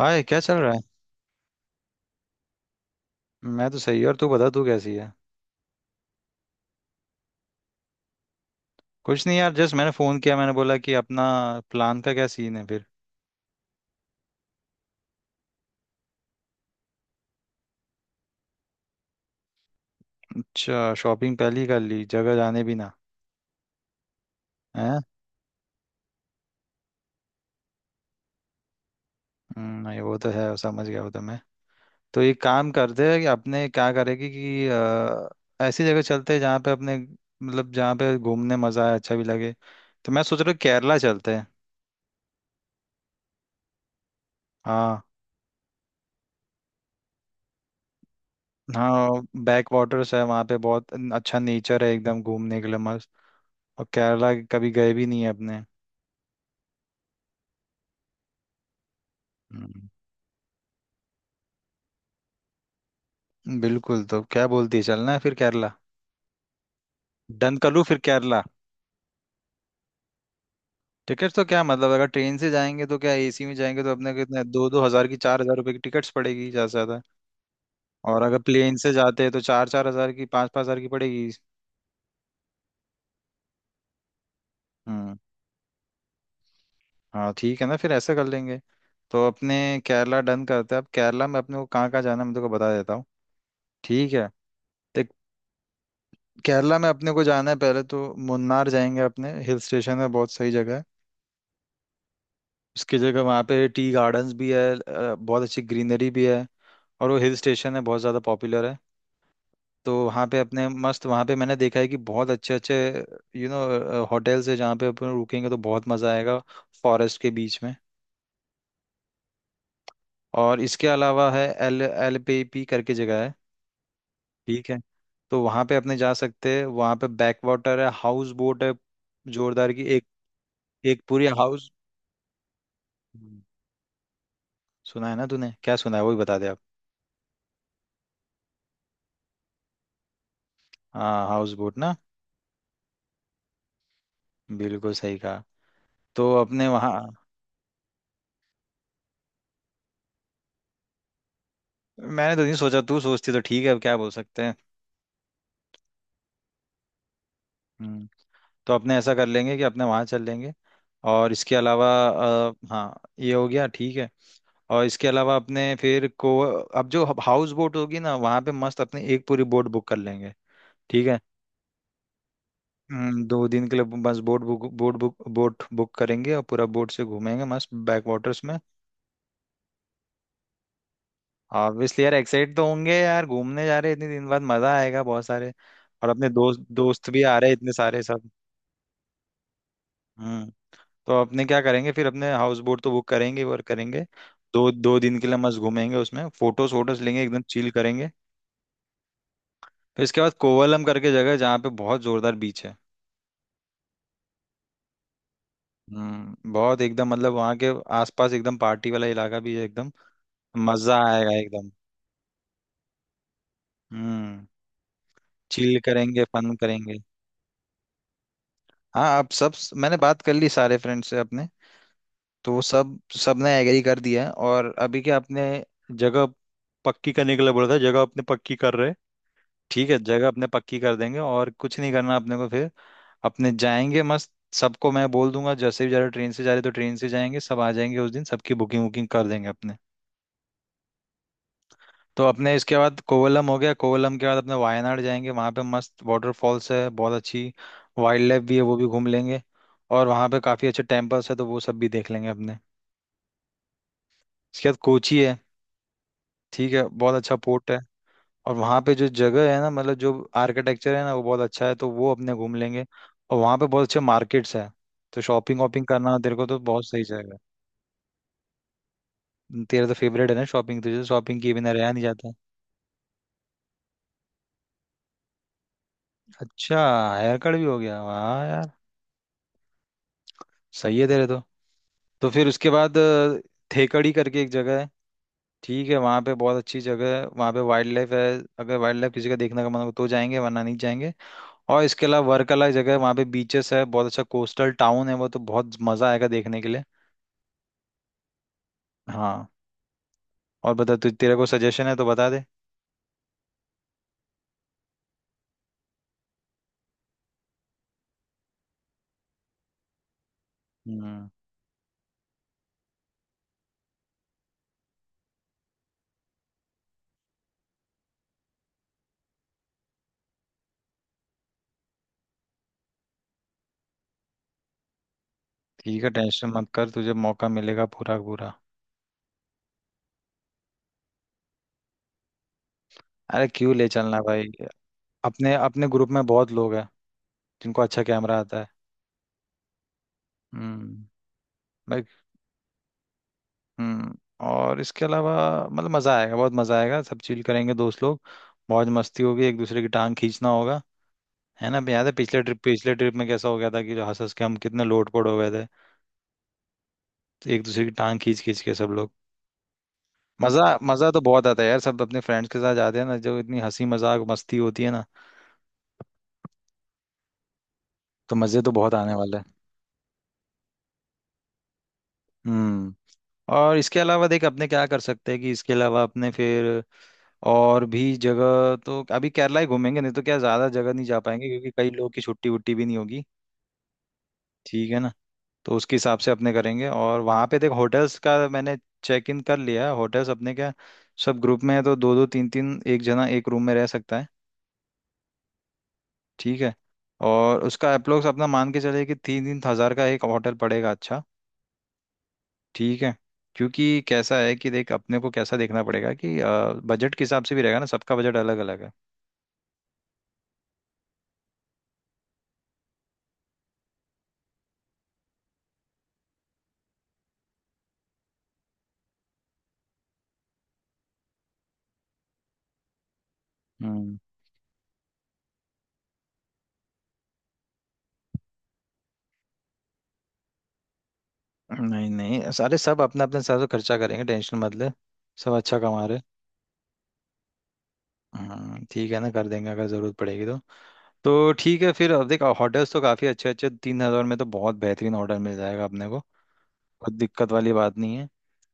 हाय, क्या चल रहा है। मैं तो सही। और तू बता, तू कैसी है। कुछ नहीं यार, जस्ट मैंने फोन किया। मैंने बोला कि अपना प्लान का क्या सीन है फिर। अच्छा, शॉपिंग पहले ही कर ली, जगह जाने भी ना है। नहीं वो तो है, समझ गया वो तो। मैं तो एक काम करते हैं कि अपने क्या करेगी कि ऐसी जगह चलते हैं जहाँ पे अपने मतलब जहाँ पे घूमने मजा आए, अच्छा भी लगे। तो मैं सोच रहा हूँ केरला चलते हैं। हाँ। हाँ, बैक वाटर्स है वहाँ पे, बहुत अच्छा नेचर है, एकदम घूमने के लिए मस्त। और केरला कभी गए भी नहीं है अपने। हम्म। बिल्कुल, तो क्या बोलती है, चलना है फिर केरला? डन कर लूँ फिर केरला। टिकट्स तो क्या मतलब, अगर ट्रेन से जाएंगे तो क्या एसी में जाएंगे तो अपने को इतने दो दो हजार की, 4,000 रुपए की टिकट्स पड़ेगी ज्यादा से ज्यादा। और अगर प्लेन से जाते हैं तो चार चार हजार की, पाँच पाँच हजार की पड़ेगी। हम्म। हाँ, ठीक है ना, फिर ऐसा कर लेंगे। तो अपने केरला डन करते हैं। अब केरला में अपने को कहाँ कहाँ जाना है, मैं तेरे को बता देता हूँ। ठीक है। तो केरला में अपने को जाना है, पहले तो मुन्नार जाएंगे अपने। हिल स्टेशन है, बहुत सही जगह है। उसकी जगह वहाँ पे टी गार्डन्स भी है, बहुत अच्छी ग्रीनरी भी है। और वो हिल स्टेशन है, बहुत ज़्यादा पॉपुलर है। तो वहाँ पे अपने मस्त, वहाँ पे मैंने देखा है कि बहुत अच्छे अच्छे होटल्स है जहाँ पे अपन रुकेंगे तो बहुत मज़ा आएगा, फॉरेस्ट के बीच में। और इसके अलावा है एल एल पे पी करके जगह है। ठीक है। तो वहाँ पे अपने जा सकते हैं, वहाँ पे बैक वाटर है, हाउस बोट है जोरदार की एक। एक पूरी हाउस। सुना है ना तूने, क्या सुना है वही बता दे आप। हाँ, हाउस बोट ना। बिल्कुल सही कहा। तो अपने वहाँ। मैंने तो नहीं सोचा, तू सोचती तो ठीक है, अब क्या बोल सकते हैं। हम्म। तो अपने ऐसा कर लेंगे कि अपने वहाँ चल लेंगे। और इसके अलावा हाँ, ये हो गया, ठीक है। और इसके अलावा अपने फिर को, अब जो हाउस बोट होगी ना, वहाँ पे मस्त अपने एक पूरी बोट बुक कर लेंगे। ठीक है। दो दिन के लिए बस boat book, boat book, boat book करेंगे और पूरा बोट से घूमेंगे मस्त बैक वाटर्स में। ऑब्वियसली यार, एक्साइट तो होंगे यार, घूमने जा रहे हैं इतने दिन बाद, मजा आएगा बहुत सारे। और अपने दोस्त दोस्त भी आ रहे हैं इतने सारे सब। हम्म। तो अपने क्या करेंगे फिर, अपने हाउस बोट तो बुक करेंगे ही, और करेंगे दो दो दिन के लिए, मस्त घूमेंगे उसमें, फोटोज वोटोज लेंगे, एकदम चिल करेंगे। फिर इसके बाद कोवलम करके जगह है, जहाँ पे बहुत जोरदार बीच है। बहुत एकदम मतलब वहाँ के आसपास एकदम पार्टी वाला इलाका भी है एकदम। मजा आएगा एकदम। हम्म। चिल करेंगे, फन करेंगे। हाँ, अब सब। मैंने बात कर ली सारे फ्रेंड से अपने। तो वो सब सबने एग्री कर दिया है, और अभी क्या अपने जगह पक्की करने के लिए बोला था, जगह अपने पक्की कर रहे हैं। ठीक है, जगह अपने पक्की कर देंगे, और कुछ नहीं करना अपने को फिर। अपने जाएंगे मस्त, सबको मैं बोल दूंगा जैसे भी जा रहे हो, ट्रेन से जा रहे हो तो ट्रेन से जाएंगे, सब आ जाएंगे उस दिन, सबकी बुकिंग वुकिंग कर देंगे अपने। तो अपने इसके बाद कोवलम हो गया, कोवलम के बाद अपने वायनाड जाएंगे, वहाँ पे मस्त वाटरफॉल्स है, बहुत अच्छी वाइल्ड लाइफ भी है, वो भी घूम लेंगे। और वहाँ पे काफ़ी अच्छे टेम्पल्स है, तो वो सब भी देख लेंगे अपने। इसके बाद कोची है। ठीक है, बहुत अच्छा पोर्ट है। और वहाँ पे जो जगह है ना, मतलब जो आर्किटेक्चर है ना, वो बहुत अच्छा है, तो वो अपने घूम लेंगे। और वहाँ पे बहुत अच्छे मार्केट्स हैं, तो शॉपिंग वॉपिंग करना हो तेरे को तो बहुत सही जाएगा। तेरा तो फेवरेट है ना शॉपिंग, तुझे तो शॉपिंग किए बिना रहा नहीं जाता। अच्छा, हेयर कट भी हो गया, वाह यार। सही है तेरे तो। तो फिर उसके बाद थेकड़ी करके एक जगह है। ठीक है, वहाँ पे बहुत अच्छी जगह है, वहाँ पे वाइल्ड लाइफ है। अगर वाइल्ड लाइफ किसी का देखने का मन हो तो जाएंगे, वरना नहीं जाएंगे। और इसके अलावा वर्कला जगह है, वहाँ पे बीचेस है, बहुत अच्छा कोस्टल टाउन है, वो तो बहुत मज़ा आएगा देखने के लिए। हाँ, और बता तु, तेरे को सजेशन है तो बता दे। हम्म, ठीक है, टेंशन मत कर, तुझे मौका मिलेगा पूरा का पूरा। अरे क्यों ले चलना भाई, अपने अपने ग्रुप में बहुत लोग हैं जिनको अच्छा कैमरा आता है। हम्म। भाई। हम्म। और इसके अलावा मतलब मजा आएगा, बहुत मजा आएगा, सब चिल करेंगे दोस्त लोग। मौज मस्ती होगी, एक दूसरे की टांग खींचना होगा, है ना? याद है पिछले ट्रिप में कैसा हो गया था, कि जो हंस हंस के हम कितने लोट पोट हो गए थे। तो एक दूसरे की टांग खींच खींच के सब लोग। मजा मजा तो बहुत आता है यार, सब अपने फ्रेंड्स के साथ जाते हैं ना, जो इतनी हंसी मजाक मस्ती होती है ना। तो मजे तो बहुत आने वाले हैं। हम्म। और इसके अलावा देख अपने क्या कर सकते हैं कि इसके अलावा अपने फिर और भी जगह, तो अभी केरला ही घूमेंगे, नहीं तो क्या ज्यादा जगह नहीं जा पाएंगे क्योंकि कई लोग की छुट्टी वुट्टी भी नहीं होगी। ठीक है ना। तो उसके हिसाब से अपने करेंगे। और वहां पे देख होटल्स का मैंने चेक इन कर लिया है, होटल्स अपने क्या, सब ग्रुप में है, तो दो दो तीन तीन, एक जना एक रूम में रह सकता है। ठीक है। और उसका अप्रोक्स अपना मान के चले कि तीन तीन हजार का एक होटल पड़ेगा, अच्छा। ठीक है। क्योंकि कैसा है कि देख अपने को कैसा देखना पड़ेगा कि बजट के हिसाब से भी रहेगा ना, सबका बजट अलग अलग है। हम्म। नहीं नहीं, सारे सब अपना अपने हिसाब से खर्चा करेंगे, टेंशन मत ले, सब अच्छा कमा रहे। हम्म, ठीक है ना, कर देंगे अगर जरूरत पड़ेगी तो। तो ठीक है फिर, अब देख होटल्स तो काफ़ी अच्छे अच्छे, 3,000 में तो बहुत बेहतरीन होटल मिल जाएगा अपने को, कोई दिक्कत वाली बात नहीं है।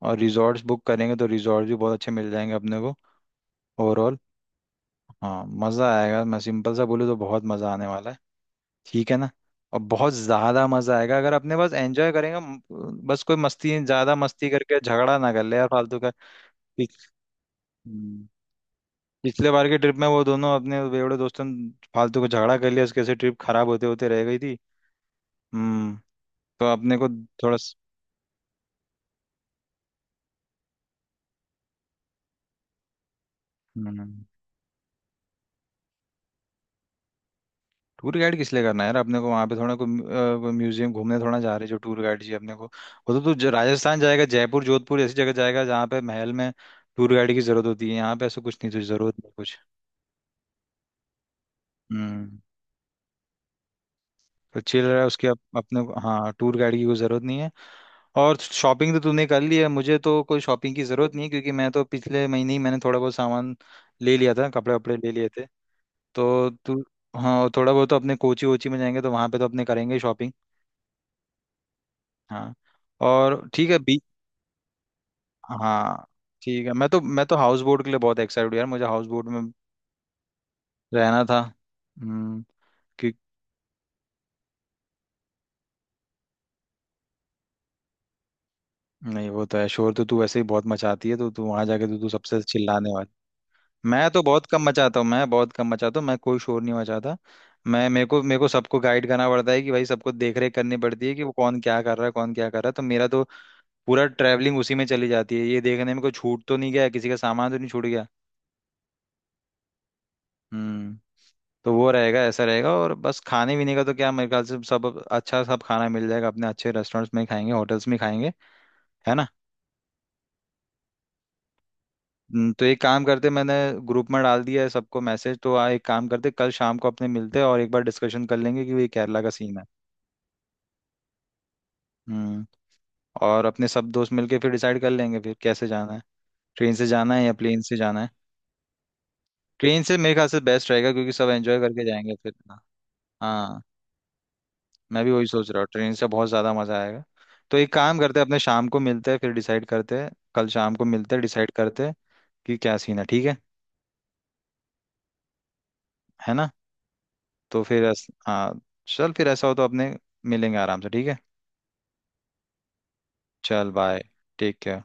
और रिजॉर्ट्स बुक करेंगे तो रिजॉर्ट भी बहुत अच्छे मिल जाएंगे अपने को। ओवरऑल हाँ, मज़ा आएगा। मैं सिंपल सा बोलूँ तो बहुत मज़ा आने वाला है, ठीक है ना? और बहुत ज़्यादा मज़ा आएगा अगर अपने बस एंजॉय करेंगे। बस कोई मस्ती, ज़्यादा मस्ती करके झगड़ा ना कर ले यार, फालतू का। पिछ- हम्म, पिछले बार के ट्रिप में वो दोनों अपने बेवड़े दोस्तों ने फालतू को झगड़ा कर लिया, उसके से ट्रिप खराब होते होते रह गई थी। हम्म। तो अपने को थोड़ा। टूर गाइड किस लिए करना है यार, अपने को वहां पे थोड़ा कोई म्यूजियम घूमने थोड़ा जा रहे हैं, जो टूर गाइड जी अपने को। वो तो तू राजस्थान जाएगा, जयपुर जोधपुर ऐसी जगह जाएगा जहाँ पे महल में टूर गाइड की जरूरत होती है, यहाँ पे ऐसा कुछ नहीं, तुझे जरूरत नहीं कुछ। हम्म। तो चिल रहा है उसके अपने को, हाँ टूर गाइड की कोई जरूरत नहीं है। और शॉपिंग तो तूने कर ली है, मुझे तो कोई शॉपिंग की जरूरत नहीं है, क्योंकि मैं तो पिछले महीने ही मैंने थोड़ा बहुत सामान ले लिया था, कपड़े वपड़े ले लिए थे। तो तू। हाँ, और थोड़ा बहुत तो अपने कोची वोची में जाएंगे तो वहां पे तो अपने करेंगे शॉपिंग। हाँ। और ठीक है। हाँ, ठीक है। मैं तो हाउस बोट के लिए बहुत एक्साइटेड हूँ यार, मुझे हाउस बोट में रहना था। हम्म। कि नहीं, वो तो है, शोर तो तू वैसे ही बहुत मचाती है, तो तू वहां जाके तो तू सबसे चिल्लाने वाली। मैं तो बहुत कम मचाता हूँ, मैं बहुत कम मचाता हूँ, मैं कोई शोर नहीं मचाता। मैं मेरे को सबको गाइड करना पड़ता है कि भाई सबको देख रेख करनी पड़ती है कि वो कौन क्या कर रहा है, कौन क्या कर रहा है, तो मेरा तो पूरा ट्रैवलिंग उसी में चली जाती है, ये देखने में कोई छूट तो नहीं गया, किसी का सामान तो नहीं छूट गया। हम्म। तो वो रहेगा, ऐसा रहेगा। और बस खाने पीने का तो क्या, मेरे ख्याल से सब अच्छा, सब खाना मिल जाएगा अपने, अच्छे रेस्टोरेंट्स में ही खाएंगे, होटल्स में ही खाएंगे, है ना। तो एक काम करते, मैंने ग्रुप में डाल दिया है सबको मैसेज तो आ, एक काम करते कल शाम को अपने मिलते हैं और एक बार डिस्कशन कर लेंगे कि ये केरला का सीन है। हम्म। और अपने सब दोस्त मिलके फिर डिसाइड कर लेंगे फिर कैसे जाना है, ट्रेन से जाना है या प्लेन से जाना है। ट्रेन से मेरे ख्याल से बेस्ट रहेगा, क्योंकि सब एंजॉय करके जाएंगे फिर। हाँ, मैं भी वही सोच रहा हूँ, ट्रेन से बहुत ज्यादा मजा आएगा। तो एक काम करते हैं अपने शाम को मिलते हैं, फिर डिसाइड करते हैं, कल शाम को मिलते हैं डिसाइड करते हैं कि क्या सीन है, ठीक है? है ना। तो फिर हाँ, चल, फिर ऐसा हो तो अपने मिलेंगे आराम से, ठीक है। चल बाय। Take care.